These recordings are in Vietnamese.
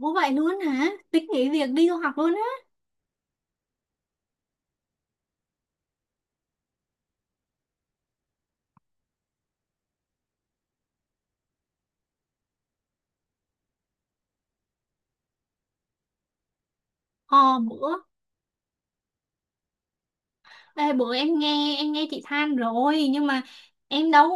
Ủa vậy luôn hả? Tính nghỉ việc đi du học luôn á. Ờ bữa ê, bữa em nghe chị than rồi nhưng mà em đâu,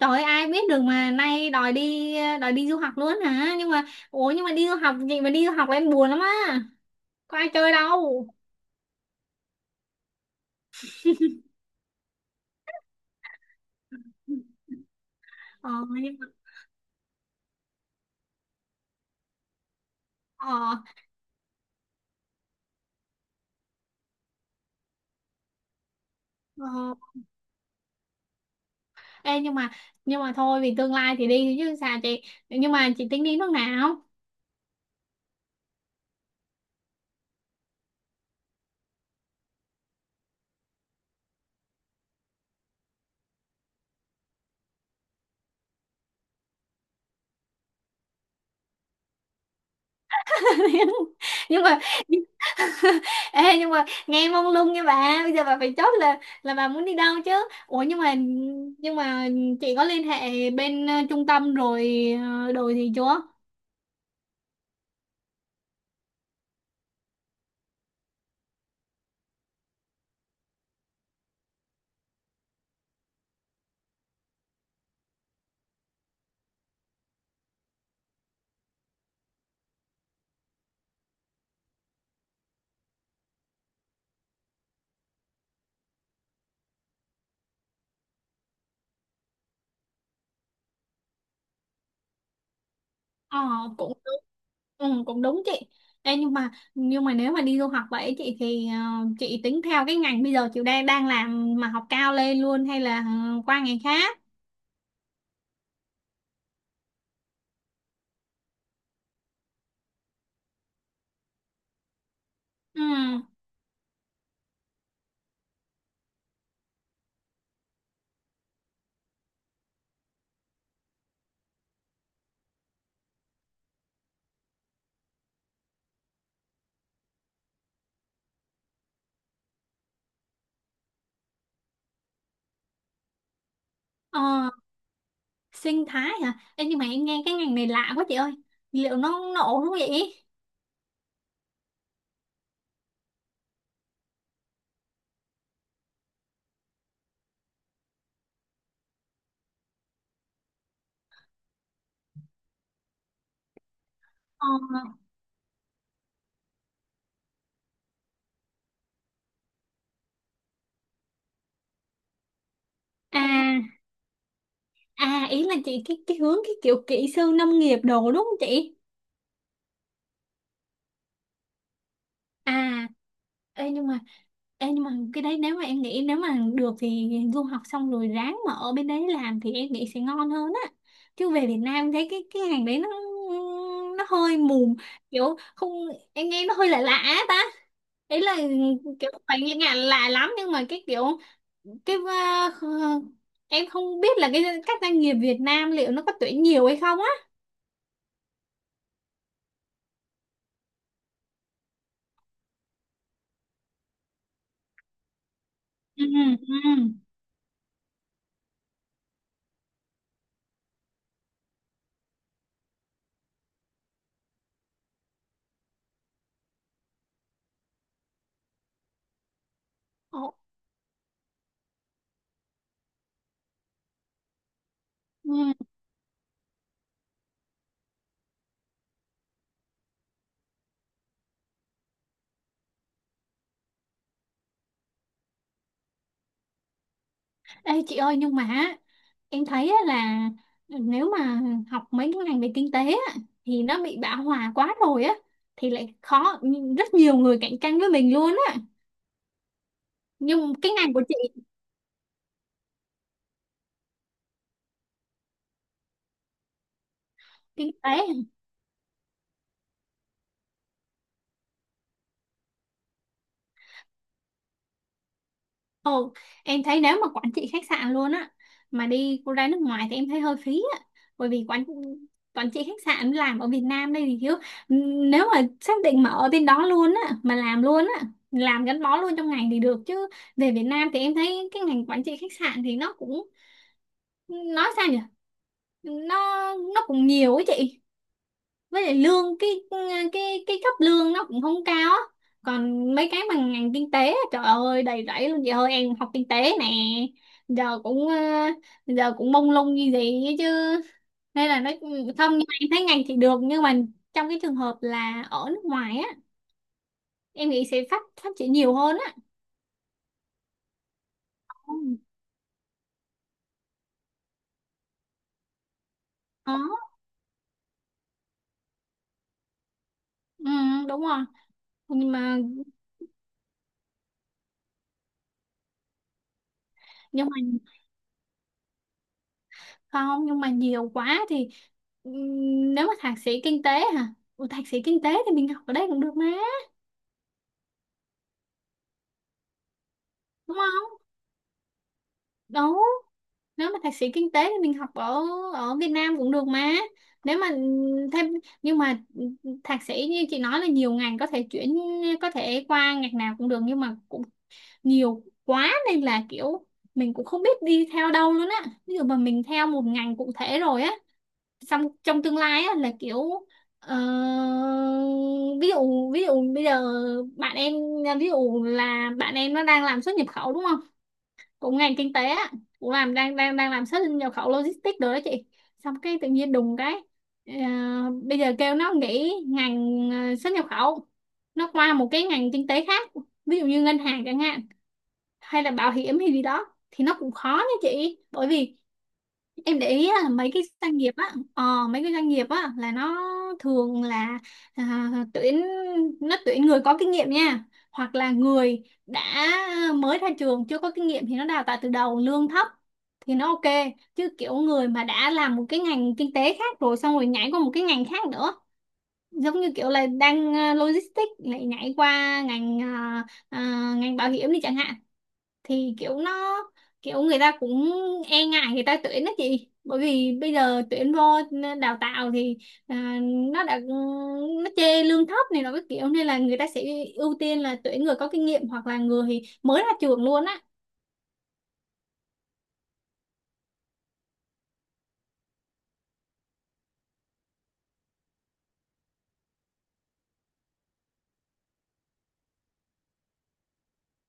trời ơi, ai biết được mà nay đòi đi du học luôn hả? Nhưng mà ủa nhưng mà đi du học, chị mà đi du học là em buồn lắm á. Có ai chơi đâu. Ờ nhưng mà ờ, ờ. Ê, nhưng mà thôi, vì tương lai thì đi chứ sao chị. Nhưng mà chị tính đi nước nào? nhưng mà Ê, nhưng mà nghe mông lung nha bà. Bây giờ bà phải chốt là bà muốn đi đâu chứ. Ủa nhưng mà Nhưng mà chị có liên hệ bên trung tâm rồi, đồ gì chưa? Ờ cũng đúng. Ừ cũng đúng chị. Ê nhưng mà Nhưng mà nếu mà đi du học vậy chị, thì chị tính theo cái ngành bây giờ chị đang đang làm mà học cao lên luôn hay là qua ngành khác? Ừ. Ờ, sinh thái hả? Ê nhưng mà em nghe cái ngành này lạ quá chị ơi. Liệu nó nổ không vậy? Ờ à À, ý là chị cái hướng cái kiểu kỹ sư nông nghiệp đồ đúng không chị? À, ê nhưng mà ê nhưng mà cái đấy, nếu mà em nghĩ, nếu mà được thì du học xong rồi ráng mà ở bên đấy làm thì em nghĩ sẽ ngon hơn á. Chứ về Việt Nam thấy cái ngành đấy nó hơi mù, kiểu không, em nghe nó hơi lạ lạ á ta. Ý là kiểu phải nghe ngạn lạ lắm nhưng mà cái kiểu cái em không biết là các doanh nghiệp Việt Nam liệu nó có tuyển nhiều hay không á. Ừ ừ. Ồ, ừ. Ê chị ơi, nhưng mà á, em thấy á là nếu mà học mấy cái ngành về kinh tế á, thì nó bị bão hòa quá rồi á, thì lại khó, rất nhiều người cạnh tranh với mình luôn á, nhưng cái ngành của chị kinh tế. Ồ, em thấy nếu mà quản trị khách sạn luôn á mà đi cô ra nước ngoài thì em thấy hơi phí á, bởi vì quản quản trị khách sạn làm ở Việt Nam đây thì thiếu. Nếu mà xác định mà ở bên đó luôn á, mà làm luôn á, làm gắn bó luôn trong ngành thì được, chứ về Việt Nam thì em thấy cái ngành quản trị khách sạn thì nó cũng, nói sao nhỉ, nó nó cũng nhiều ấy chị, với lại lương cái cấp lương nó cũng không cao á. Còn mấy cái bằng ngành kinh tế á, trời ơi đầy rẫy luôn chị ơi, em học kinh tế nè, giờ cũng giờ cũng mông lung như gì ấy chứ, nên là nó. Không, nhưng mà em thấy ngành thì được, nhưng mà trong cái trường hợp là ở nước ngoài á, em nghĩ sẽ phát phát triển nhiều hơn á. Ừ. Đó. Ừ, đúng rồi. Nhưng mà nhưng mà Không, nhưng mà nhiều quá thì ừm, nếu mà thạc sĩ kinh tế hả? Ủa, thạc sĩ kinh tế thì mình học ở đây cũng được mà, đúng không? Đúng. Nếu mà thạc sĩ kinh tế thì mình học ở ở Việt Nam cũng được mà, nếu mà thêm nhưng mà thạc sĩ như chị nói là nhiều ngành có thể chuyển, có thể qua ngành nào cũng được, nhưng mà cũng nhiều quá nên là kiểu mình cũng không biết đi theo đâu luôn á. Ví dụ mà mình theo một ngành cụ thể rồi á, xong trong tương lai á là kiểu ờ, ví dụ bây giờ bạn em ví dụ là bạn em nó đang làm xuất nhập khẩu đúng không, cũng ngành kinh tế á, cũng làm đang đang đang làm xuất nhập khẩu logistics rồi đó chị, xong cái tự nhiên đùng cái ờ, bây giờ kêu nó nghỉ ngành xuất nhập khẩu, nó qua một cái ngành kinh tế khác, ví dụ như ngân hàng chẳng hạn, hay là bảo hiểm hay gì đó, thì nó cũng khó nha chị, bởi vì em để ý là mấy cái doanh nghiệp á, mấy cái doanh nghiệp á là nó thường là à, tuyển nó tuyển người có kinh nghiệm nha, hoặc là người đã mới ra trường chưa có kinh nghiệm thì nó đào tạo từ đầu lương thấp thì nó ok, chứ kiểu người mà đã làm một cái ngành kinh tế khác rồi, xong rồi nhảy qua một cái ngành khác nữa, giống như kiểu là đang logistics lại nhảy qua ngành ngành bảo hiểm đi chẳng hạn, thì kiểu nó kiểu người ta cũng e ngại người ta tuyển đó chị, bởi vì bây giờ tuyển vô đào tạo thì à, nó đã nó chê lương thấp này nó cái kiểu, nên là người ta sẽ ưu tiên là tuyển người có kinh nghiệm hoặc là người mới ra trường luôn á.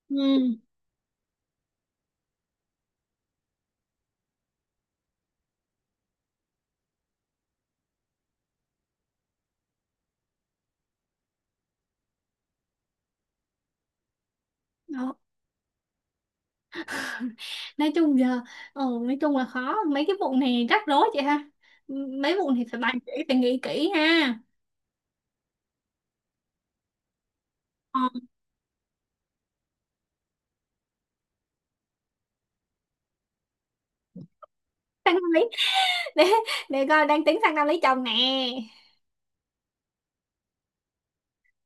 Ừ. Đó. Nói chung giờ ừ, nói chung là khó, mấy cái vụ này rắc rối chị ha. Ừ, mấy vụ này phải bàn kỹ phải nghĩ kỹ ha. Ờ, sang năm lấy, để để coi, đang tính sang năm lấy chồng nè.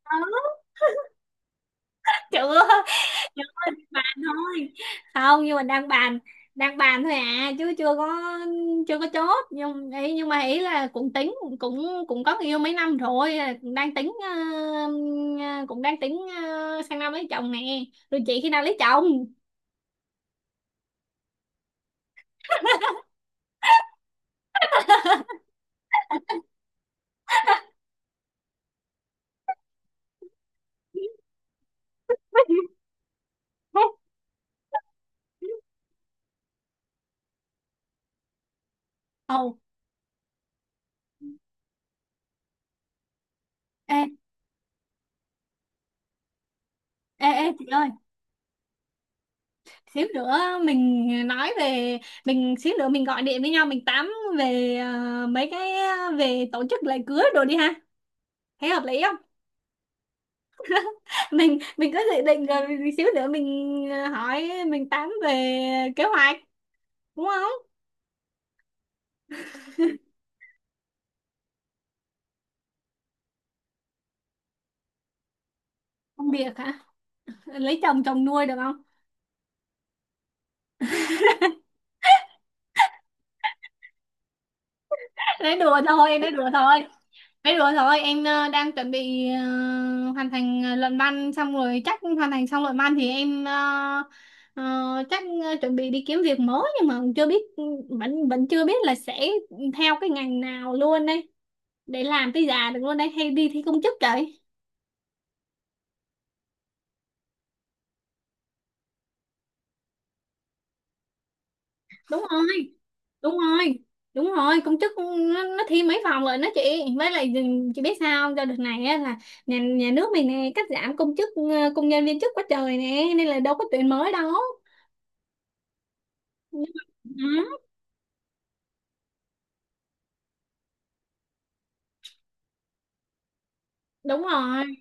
Đó, chưa, bàn thôi, không nhưng mà đang bàn, đang bàn thôi à, chứ chưa có chốt. Nhưng ý, nhưng mà ý là cũng tính, cũng cũng có người yêu mấy năm rồi, đang tính ờ, cũng đang tính sang năm lấy chồng nè. Rồi chị khi nào lấy chồng? Ồ, ê, ê chị ơi, xíu nữa mình nói về xíu nữa mình gọi điện với nhau mình tám về về tổ chức lễ cưới rồi đi ha. Thấy hợp lý không? Mình có dự định rồi, xíu nữa mình hỏi mình tán về kế hoạch, đúng không? Công việc hả? Lấy chồng, chồng nuôi được không? Nói đùa thôi. Nói đùa thôi, em đang chuẩn bị hoàn thành luận văn, xong rồi chắc hoàn thành xong luận văn thì em ờ, chắc chuẩn bị đi kiếm việc mới, nhưng mà chưa biết, vẫn vẫn chưa biết là sẽ theo cái ngành nào luôn đây để làm tới già được luôn đây, hay đi thi công chức vậy. đúng rồi đúng rồi Đúng rồi, công chức nó thi mấy phòng rồi nó chị, với lại chị biết sao không? Cho đợt này á, là nhà nhà nước mình nè cắt giảm công chức công nhân viên chức quá trời nè, nên là đâu có tuyển mới đâu. Nhưng mà- ừ, đúng rồi.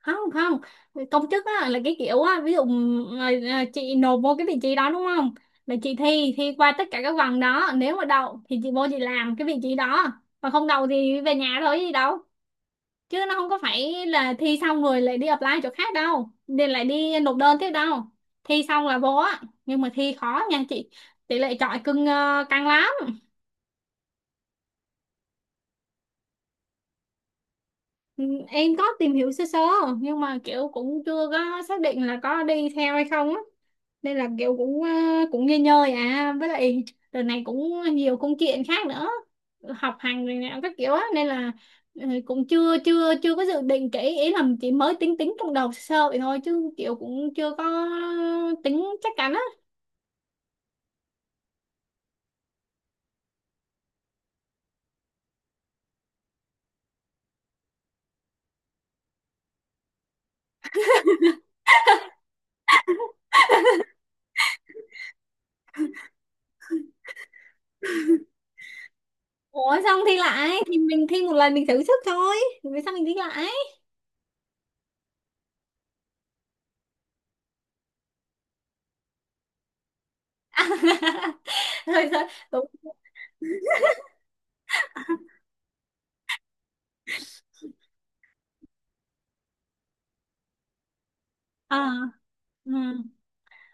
Không Không, công chức á, là cái kiểu á, ví dụ ờ, chị nộp vô cái vị trí đó đúng không, là chị thi thi qua tất cả các vòng đó, nếu mà đậu thì chị vô chị làm cái vị trí đó, còn không đậu thì về nhà thôi gì đâu, chứ nó không có phải là thi xong rồi lại đi apply chỗ khác đâu, nên lại đi nộp đơn tiếp đâu, thi xong là vô á. Nhưng mà thi khó nha chị, tỷ lệ chọi cưng căng lắm. Ừ, em có tìm hiểu sơ sơ nhưng mà kiểu cũng chưa có xác định là có đi theo hay không á, nên là kiểu cũng cũng nghỉ ngơi à, với lại đợt này cũng nhiều công chuyện khác nữa, học hành rồi nè các kiểu á, nên là ừ, cũng chưa chưa chưa có dự định kỹ, ý là chỉ mới tính tính trong đầu sơ sơ vậy thôi, chứ kiểu cũng chưa có tính chắc chắn á. Ủa xong thi lại thì mình thi một lần mình thử sức thôi, vì sao mình thi lại? Rồi sao đúng. À, ừ.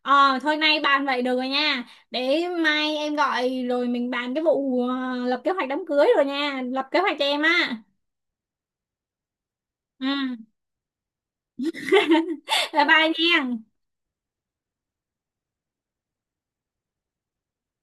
Ờ, thôi nay bàn vậy được rồi nha. Để mai em gọi rồi mình bàn cái vụ lập kế hoạch đám cưới rồi nha. Lập kế hoạch cho em á. Ừ. Bye bye nha.